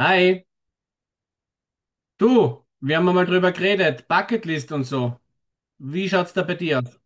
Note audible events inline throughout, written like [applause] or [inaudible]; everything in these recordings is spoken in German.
Hi, du, wir haben mal drüber geredet, Bucketlist und so. Wie schaut's da bei dir aus?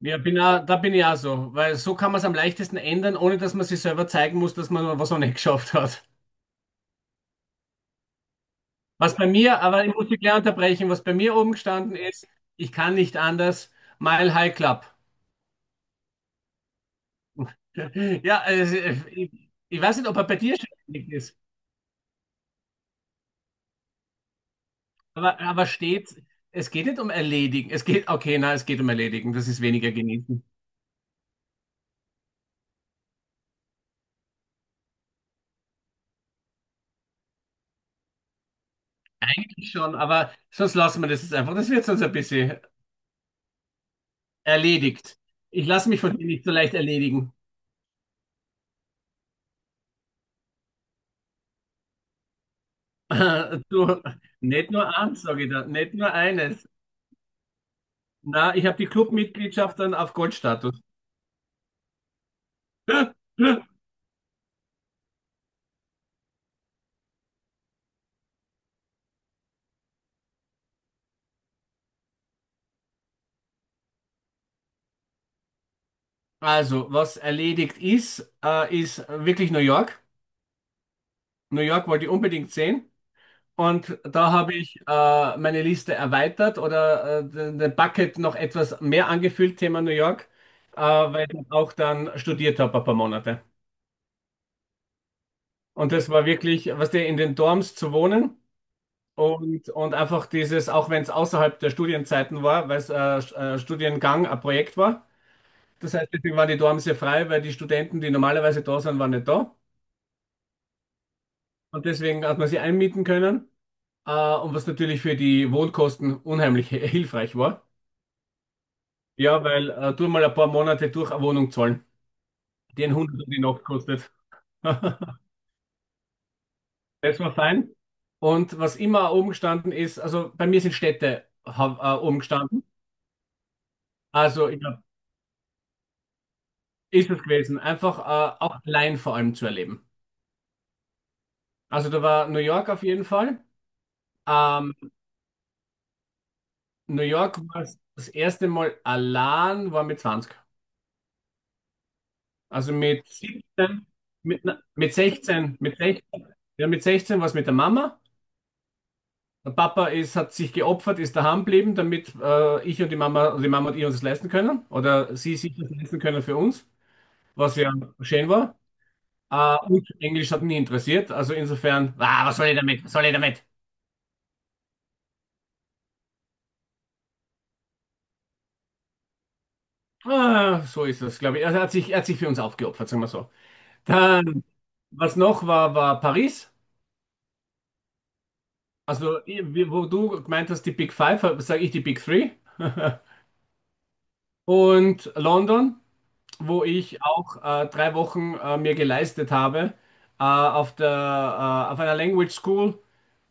Ja, da bin ich auch so, weil so kann man es am leichtesten ändern, ohne dass man sich selber zeigen muss, dass man was auch nicht [laughs] geschafft hat. Was bei mir, aber ich muss dich gleich unterbrechen, was bei mir oben gestanden ist, ich kann nicht anders, Mile High Club. [laughs] Ja, also, ich, ich weiß nicht, ob er bei dir ständig ist, aber steht, es geht nicht um erledigen, es geht, okay, na, es geht um erledigen, das ist weniger genießen. Schon, aber sonst lassen wir das jetzt einfach. Das wird sonst ein bisschen erledigt. Ich lasse mich von dir nicht so leicht erledigen. [laughs] Du, nicht nur eins, sage ich da, nicht nur eines. Na, ich habe die Clubmitgliedschaft dann auf Goldstatus. [laughs] Also, was erledigt ist, ist wirklich New York. New York wollte ich unbedingt sehen. Und da habe ich meine Liste erweitert oder den Bucket noch etwas mehr angefüllt, Thema New York, weil ich auch dann studiert habe ein paar Monate. Und das war wirklich, was der in den Dorms zu wohnen, und einfach dieses, auch wenn es außerhalb der Studienzeiten war, weil es Studiengang, ein Projekt war. Das heißt, deswegen waren die Dorms sehr frei, weil die Studenten, die normalerweise da sind, waren nicht da. Und deswegen hat man sie einmieten können. Äh, und was natürlich für die Wohnkosten unheimlich [laughs] hilfreich war. Ja, weil tu mal ein paar Monate durch eine Wohnung zahlen, die ein Hunderter die Nacht kostet. [laughs] Das war fein. Und was immer oben gestanden ist, also bei mir sind Städte oben gestanden. Also, ich glaube, ist es gewesen. Einfach auch allein vor allem zu erleben. Also, da war New York auf jeden Fall. Ähm, New York war das erste Mal allein, war mit 20. Also mit 17, na, mit 16, mit 16, ja, mit 16 war es mit der Mama. Der Papa ist, hat sich geopfert, ist daheim geblieben, damit ich und die Mama, also die Mama und ich uns das leisten können. Oder sie sich das leisten können für uns, was ja schön war. Und Englisch hat mich nie interessiert. Also insofern, was soll ich damit? Was soll ich damit? So ist das, glaube ich. Also er hat sich für uns aufgeopfert, sagen wir so. Dann, was noch war, war Paris. Also, wo du gemeint hast, die Big Five, sage ich die Big Three. [laughs] Und London, wo ich auch 3 Wochen mir geleistet habe, auf einer Language School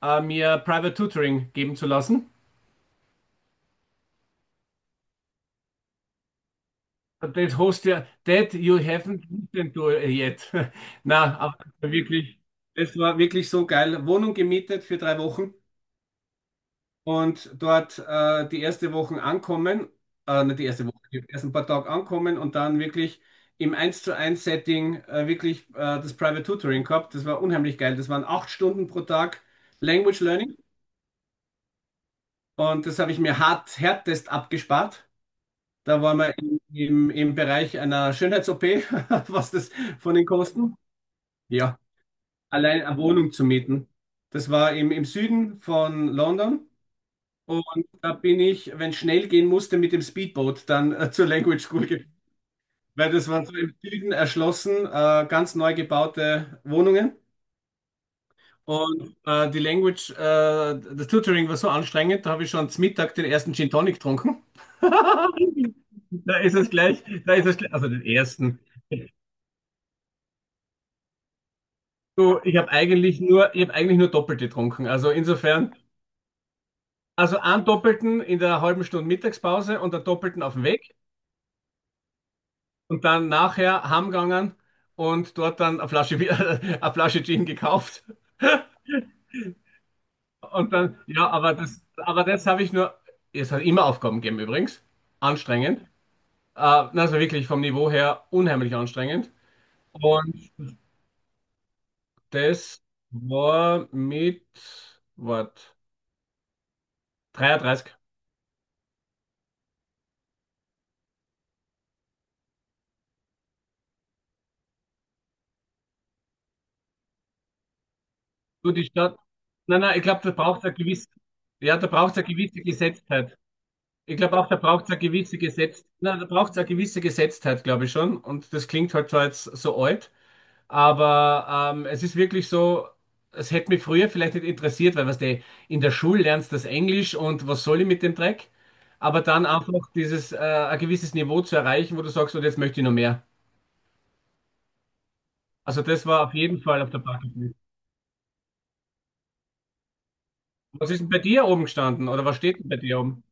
mir Private Tutoring geben zu lassen. Das hast ja, that you haven't eaten to yet. [laughs] Na, aber wirklich, es war wirklich so geil. Wohnung gemietet für 3 Wochen und dort die erste Woche ankommen, nicht die erste Woche, die ersten paar Tage ankommen und dann wirklich im 1 zu 1 Setting wirklich das Private Tutoring gehabt. Das war unheimlich geil. Das waren 8 Stunden pro Tag Language Learning und das habe ich mir hart, härtest abgespart. Da waren wir im Bereich einer Schönheits-OP, [laughs] was das von den Kosten. Ja, allein eine Wohnung zu mieten. Das war im Süden von London. Und da bin ich, wenn es schnell gehen musste, mit dem Speedboot dann zur Language School gefahren. Weil das waren so im Süden erschlossen, ganz neu gebaute Wohnungen. Und äh, die Language, äh, das Tutoring war so anstrengend, da habe ich schon zum Mittag den ersten Gin Tonic getrunken. [laughs] Da ist es gleich, also den ersten. Du, ich habe eigentlich nur doppelt getrunken. Also insofern, also einen doppelten in der halben Stunde Mittagspause und einen doppelten auf dem Weg und dann nachher heimgegangen und dort dann [laughs] eine Flasche Gin gekauft. [laughs] Und dann, ja, aber das habe ich nur, es hat immer Aufgaben gegeben übrigens. Anstrengend. Also wirklich vom Niveau her unheimlich anstrengend. Und das war mit, was, 33. Du, die Stadt. Nein, nein, ich glaube, da braucht es eine gewisse, ja, da braucht es eine gewisse Gesetztheit. Ich glaube auch, da braucht es eine gewisse Gesetz, nein, da braucht es eine gewisse Gesetztheit, glaube ich schon. Und das klingt halt zwar jetzt so alt, aber es ist wirklich so, es hätte mich früher vielleicht nicht interessiert, weil was du in der Schule lernst das Englisch und was soll ich mit dem Dreck? Aber dann einfach dieses, ein gewisses Niveau zu erreichen, wo du sagst, und jetzt möchte ich noch mehr. Also das war auf jeden Fall auf der Bucketlist. Was ist denn bei dir oben gestanden oder was steht denn bei dir oben?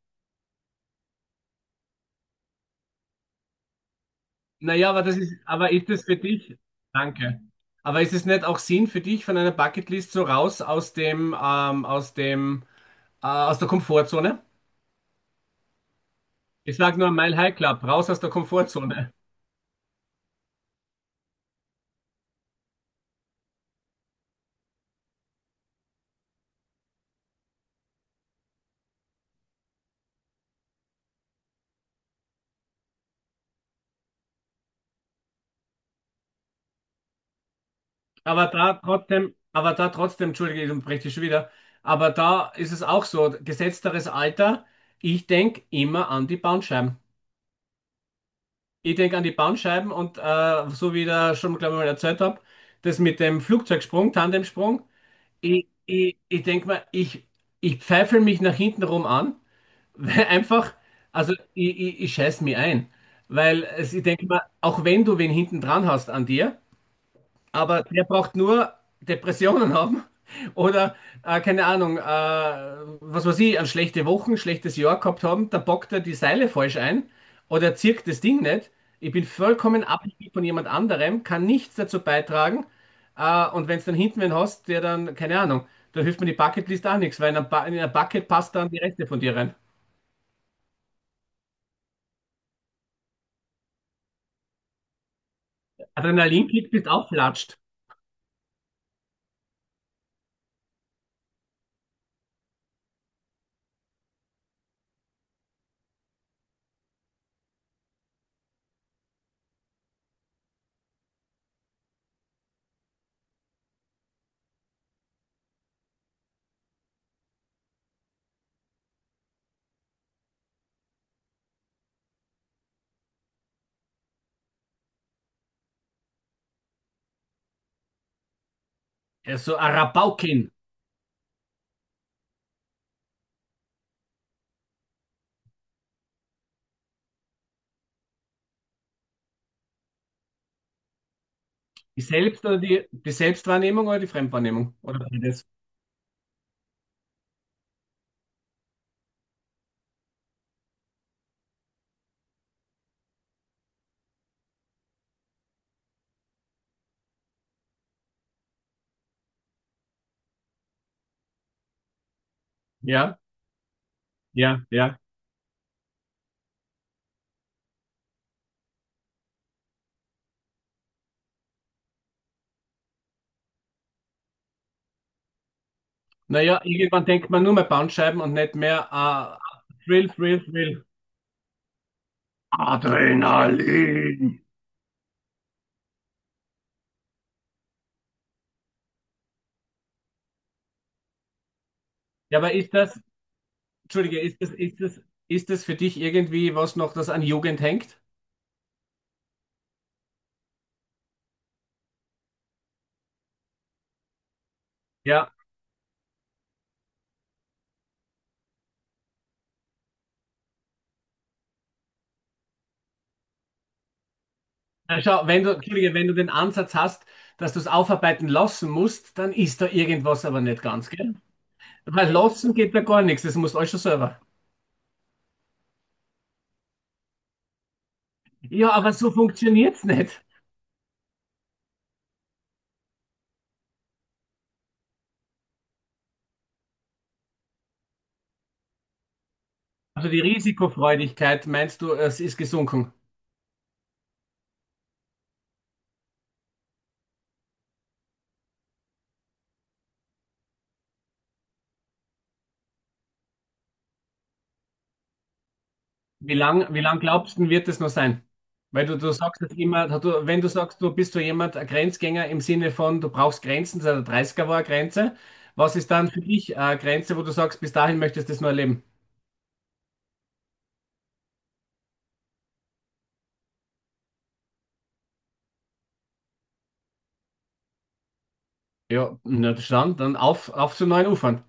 Naja, aber das ist, aber ist es für dich? Danke. Aber ist es nicht auch Sinn für dich von einer Bucketlist so raus aus dem, aus der Komfortzone? Ich sag nur Mile High Club, raus aus der Komfortzone. Aber da trotzdem, entschuldige, ich unterbreche dich schon wieder. Aber da ist es auch so, gesetzteres Alter, ich denke immer an die Bandscheiben. Ich denke an die Bandscheiben und so wie ich da schon, glaube ich, mal erzählt habe, das mit dem Flugzeugsprung, Tandemsprung. Ich denke mal, ich pfeife mich nach hinten rum an, [laughs] weil einfach, also ich scheiß mich ein. Weil es, ich denke mal, auch wenn du wen hinten dran hast an dir, aber der braucht nur Depressionen haben oder, keine Ahnung, was weiß ich, an schlechte Wochen, schlechtes Jahr gehabt haben, da bockt er die Seile falsch ein oder zirkt das Ding nicht. Ich bin vollkommen abhängig von jemand anderem, kann nichts dazu beitragen. Und wenn es dann hinten wen hast, der dann, keine Ahnung, da hilft mir die Bucketlist auch nichts, weil in ein Bucket passt dann die Reste von dir rein. Adrenalinkick bist auflatscht. Ja, so ein Rabaukin. Die Selbst- oder die Selbstwahrnehmung oder die Fremdwahrnehmung? Oder beides. Ja. Ja, ja. Naja, irgendwann denkt man nur mehr Bandscheiben und nicht mehr Thrill, Thrill, Thrill. Adrenalin. Ja, aber ist das, Entschuldige, ist das für dich irgendwie was noch, das an Jugend hängt? Ja. Na schau, wenn du, Entschuldige, wenn du den Ansatz hast, dass du es aufarbeiten lassen musst, dann ist da irgendwas aber nicht ganz, gell? Weil lassen geht da gar nichts, das musst du alles schon selber. Ja, aber so funktioniert's nicht. Also die Risikofreudigkeit, meinst du, es ist gesunken? Wie lang glaubst du, wird es noch sein? Weil du sagst das immer, du, wenn du sagst, du bist so jemand, ein Grenzgänger im Sinne von, du brauchst Grenzen, seit der 30 war eine Grenze. Was ist dann für dich eine Grenze, wo du sagst, bis dahin möchtest du das nur erleben? Ja, na dann auf zu neuen Ufern.